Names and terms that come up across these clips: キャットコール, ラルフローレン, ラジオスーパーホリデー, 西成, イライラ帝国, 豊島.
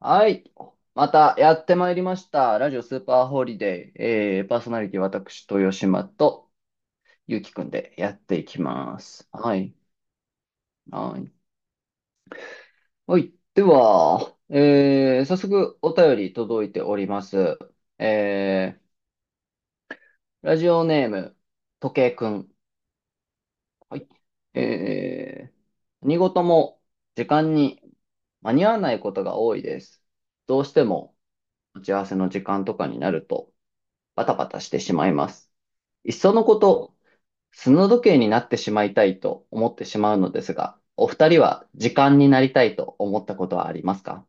はい。またやってまいりました。ラジオスーパーホリデー。パーソナリティ私、豊島とゆうきくんでやっていきます。はい。はい。はい。では、早速お便り届いております。えラジオネーム、時計くん。はい。えー、何事も時間に間に合わないことが多いです。どうしても打ち合わせの時間とかになるとバタバタしてしまいます。いっそのこと、砂時計になってしまいたいと思ってしまうのですが、お二人は時間になりたいと思ったことはありますか？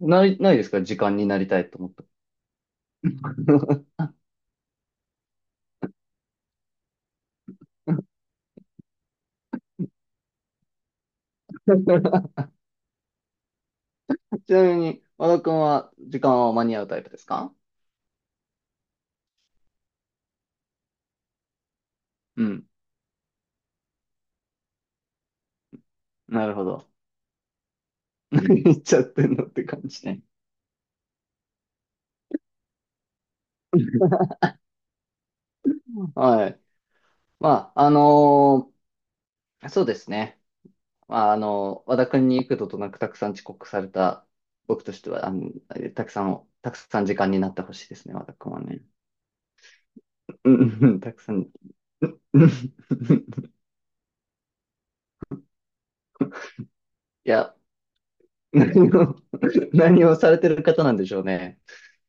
ない、ないですか？時間になりたいと思った。ちなみに、和田くんは時間は間に合うタイプですか？うん。なるほど。何言っちゃってんのって感じね。はい。まあ、そうですね。まあ、あの、和田君に幾度となくたくさん遅刻された僕としては、あの、たくさん時間になってほしいですね、和田君はね。うんうんたくさん。うん、いや、何を、何をされてる方なんでしょうね。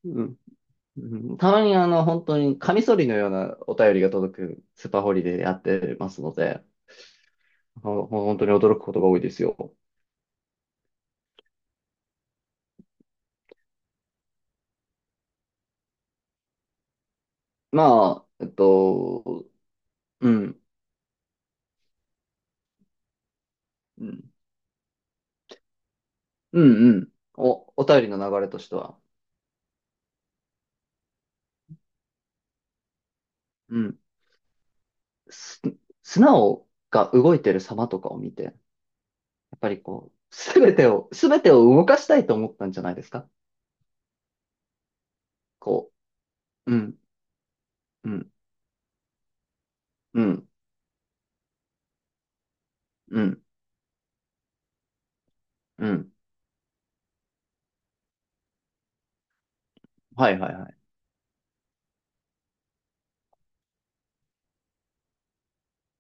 うん。うん。たまにあの、本当にカミソリのようなお便りが届くスーパーホリデーでやってますので、本当に驚くことが多いですよ。まあ、えっと、うん、うん、うん、うん。お、お便りの流れとしては。うん。す、砂が動いてる様とかを見て、やっぱりこう、すべてを動かしたいと思ったんじゃないですか？こう、うん、うん、うん、うん、うん。はいはいはい。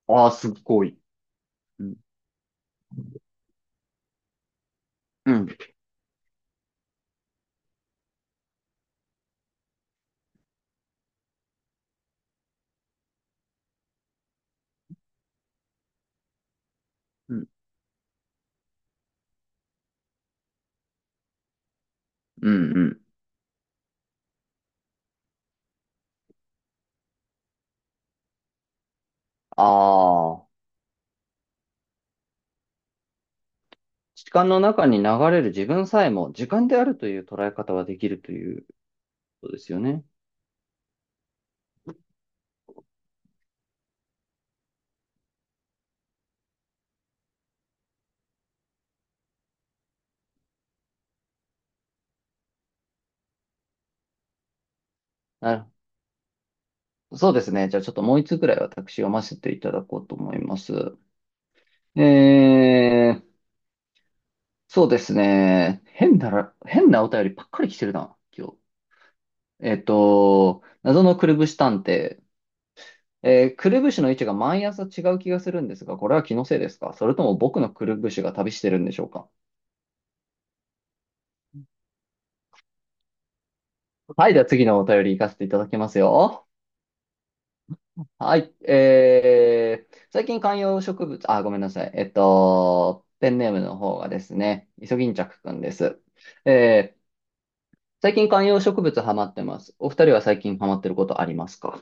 ああ、すっごい。うん、うん、うん、うん。うん。ああ、時間の中に流れる自分さえも時間であるという捉え方はできるということですよね。あ、そうですね。じゃあちょっともう一つぐらい私読ませていただこうと思います。えー、そうですね。変なら、変なお便りばっかり来てるな、今日。えっと、謎のくるぶし探偵。くるぶしの位置が毎朝違う気がするんですが、これは気のせいですか？それとも僕のくるぶしが旅してるんでしょうか？はい、では次のお便り行かせていただきますよ。はい、最近観葉植物、あ、ごめんなさい。えっと、ペンネームの方がですね、イソギンチャクくんです。えー、最近観葉植物ハマってます。お二人は最近ハマってることありますか？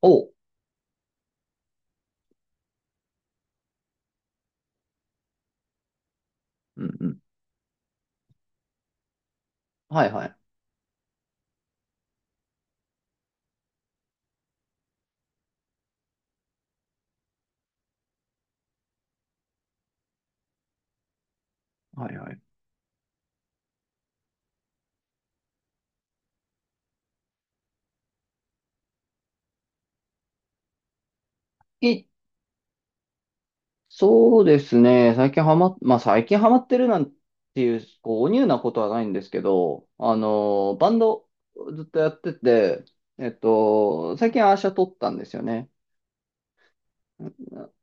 おう。うんうん。はいはい。はいはい。い、そうですね。最近ハマ、まあ最近ハマってるなんていう、こう、おニューなことはないんですけど、あの、バンドずっとやってて、えっと、最近アーシャ撮ったんですよね。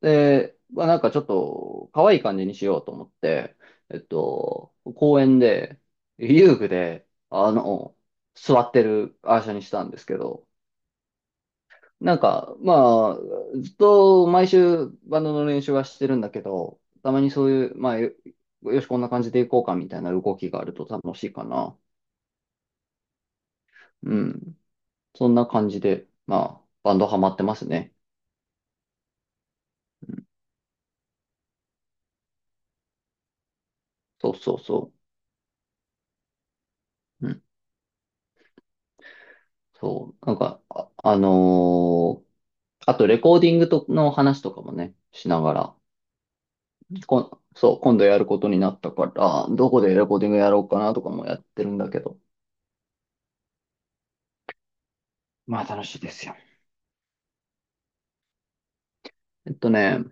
で、まあなんかちょっと可愛い感じにしようと思って、えっと、公園で、遊具で、あの、座ってるアーシャにしたんですけど、なんか、まあ、ずっと毎週バンドの練習はしてるんだけど、たまにそういう、まあ、よ、よし、こんな感じでいこうかみたいな動きがあると楽しいかな。うん。そんな感じで、まあ、バンドハマってますね。うん。そうそうそう。うん。そう。なんか、あ、あとレコーディングとの話とかもね、しながら、こん、そう、今度やることになったから、どこでレコーディングやろうかなとかもやってるんだけど、まあ楽しいですよ。えっとね、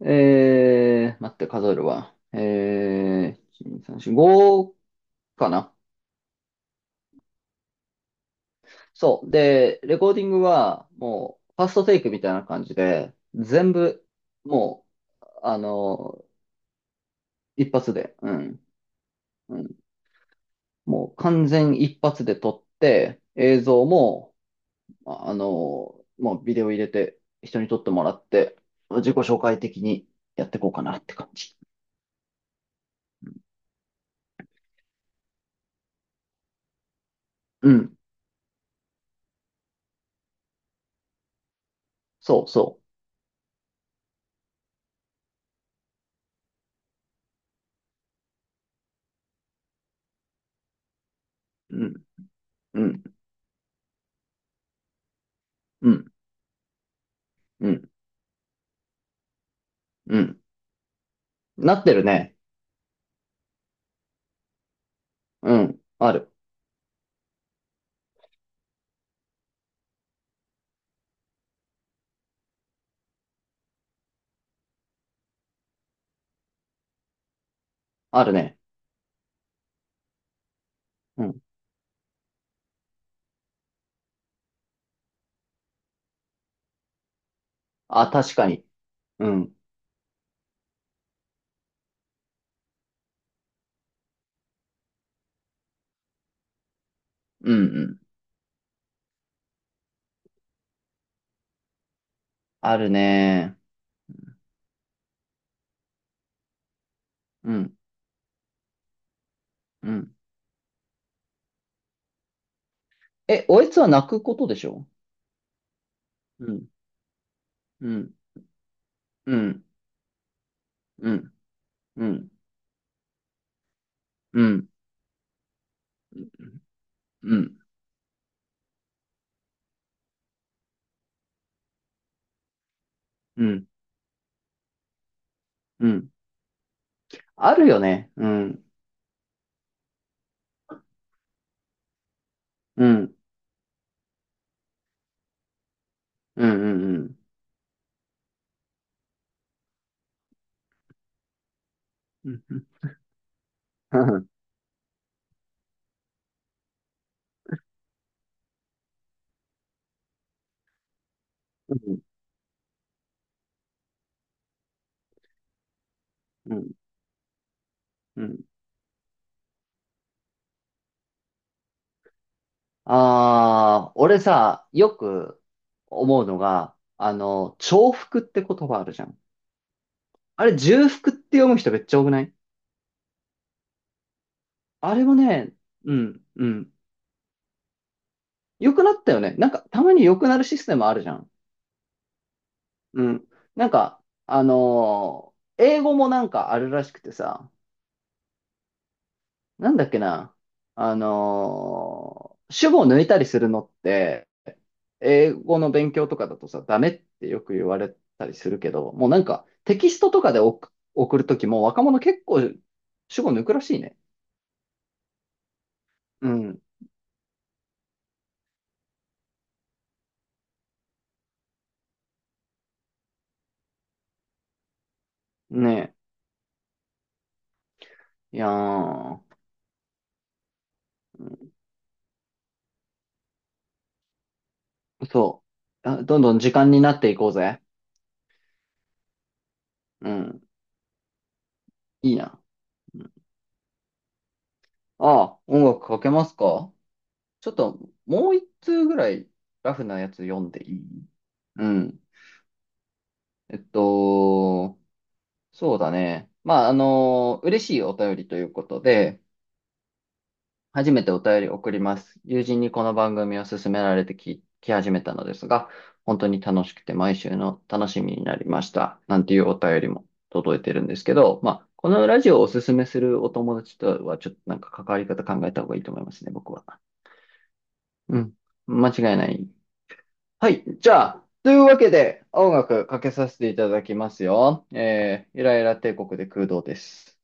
待って数えるわ。1、2、3、4、5かな。そう。で、レコーディングはもう、ファーストテイクみたいな感じで、全部、もう、あの、一発で、うん、うん。もう完全一発で撮って、映像も、あ、あの、もうビデオ入れて、人に撮ってもらって、自己紹介的にやっていこうかなって感じ。うん。そうそう。うん、うん、うん、うん、うん。なってるね。うん。ある。あるね。うん。あ、確かに。うん。うん、うん。あるね。うん。うん。え、おえつは泣くことでしょ？うん。うん。うん。うん。うん。うん。うん。うん。うん。あるよね。うん。うん。うん。うん。うん。うん。うん。うん。ああ、俺さ、よく思うのが、あの、重複って言葉あるじゃん。あれ、重複って読む人めっちゃ多くない？あれはね、うん、うん。良くなったよね。なんか、たまに良くなるシステムあるじゃん。うん。なんか、英語もなんかあるらしくてさ、なんだっけな。主語を抜いたりするのって、英語の勉強とかだとさ、ダメってよく言われたりするけど、もうなんか、テキストとかで送るときも若者結構主語抜くらしいね。うん。ねえ。いやー、そう。あ、どんどん時間になっていこうぜ。うん。いいや。うん。ああ、音楽かけますか？ちょっと、もう一通ぐらいラフなやつ読んでいい？うん。えっと、そうだね。まあ、あの、嬉しいお便りということで、初めてお便り送ります。友人にこの番組を勧められて聞き始めたのですが、本当に楽しくて毎週の楽しみになりました。なんていうお便りも届いてるんですけど、まあ、このラジオをおすすめするお友達とはちょっとなんか関わり方考えた方がいいと思いますね、僕は。うん。間違いない。はい。じゃあ、というわけで、音楽かけさせていただきますよ。イライラ帝国で空洞です。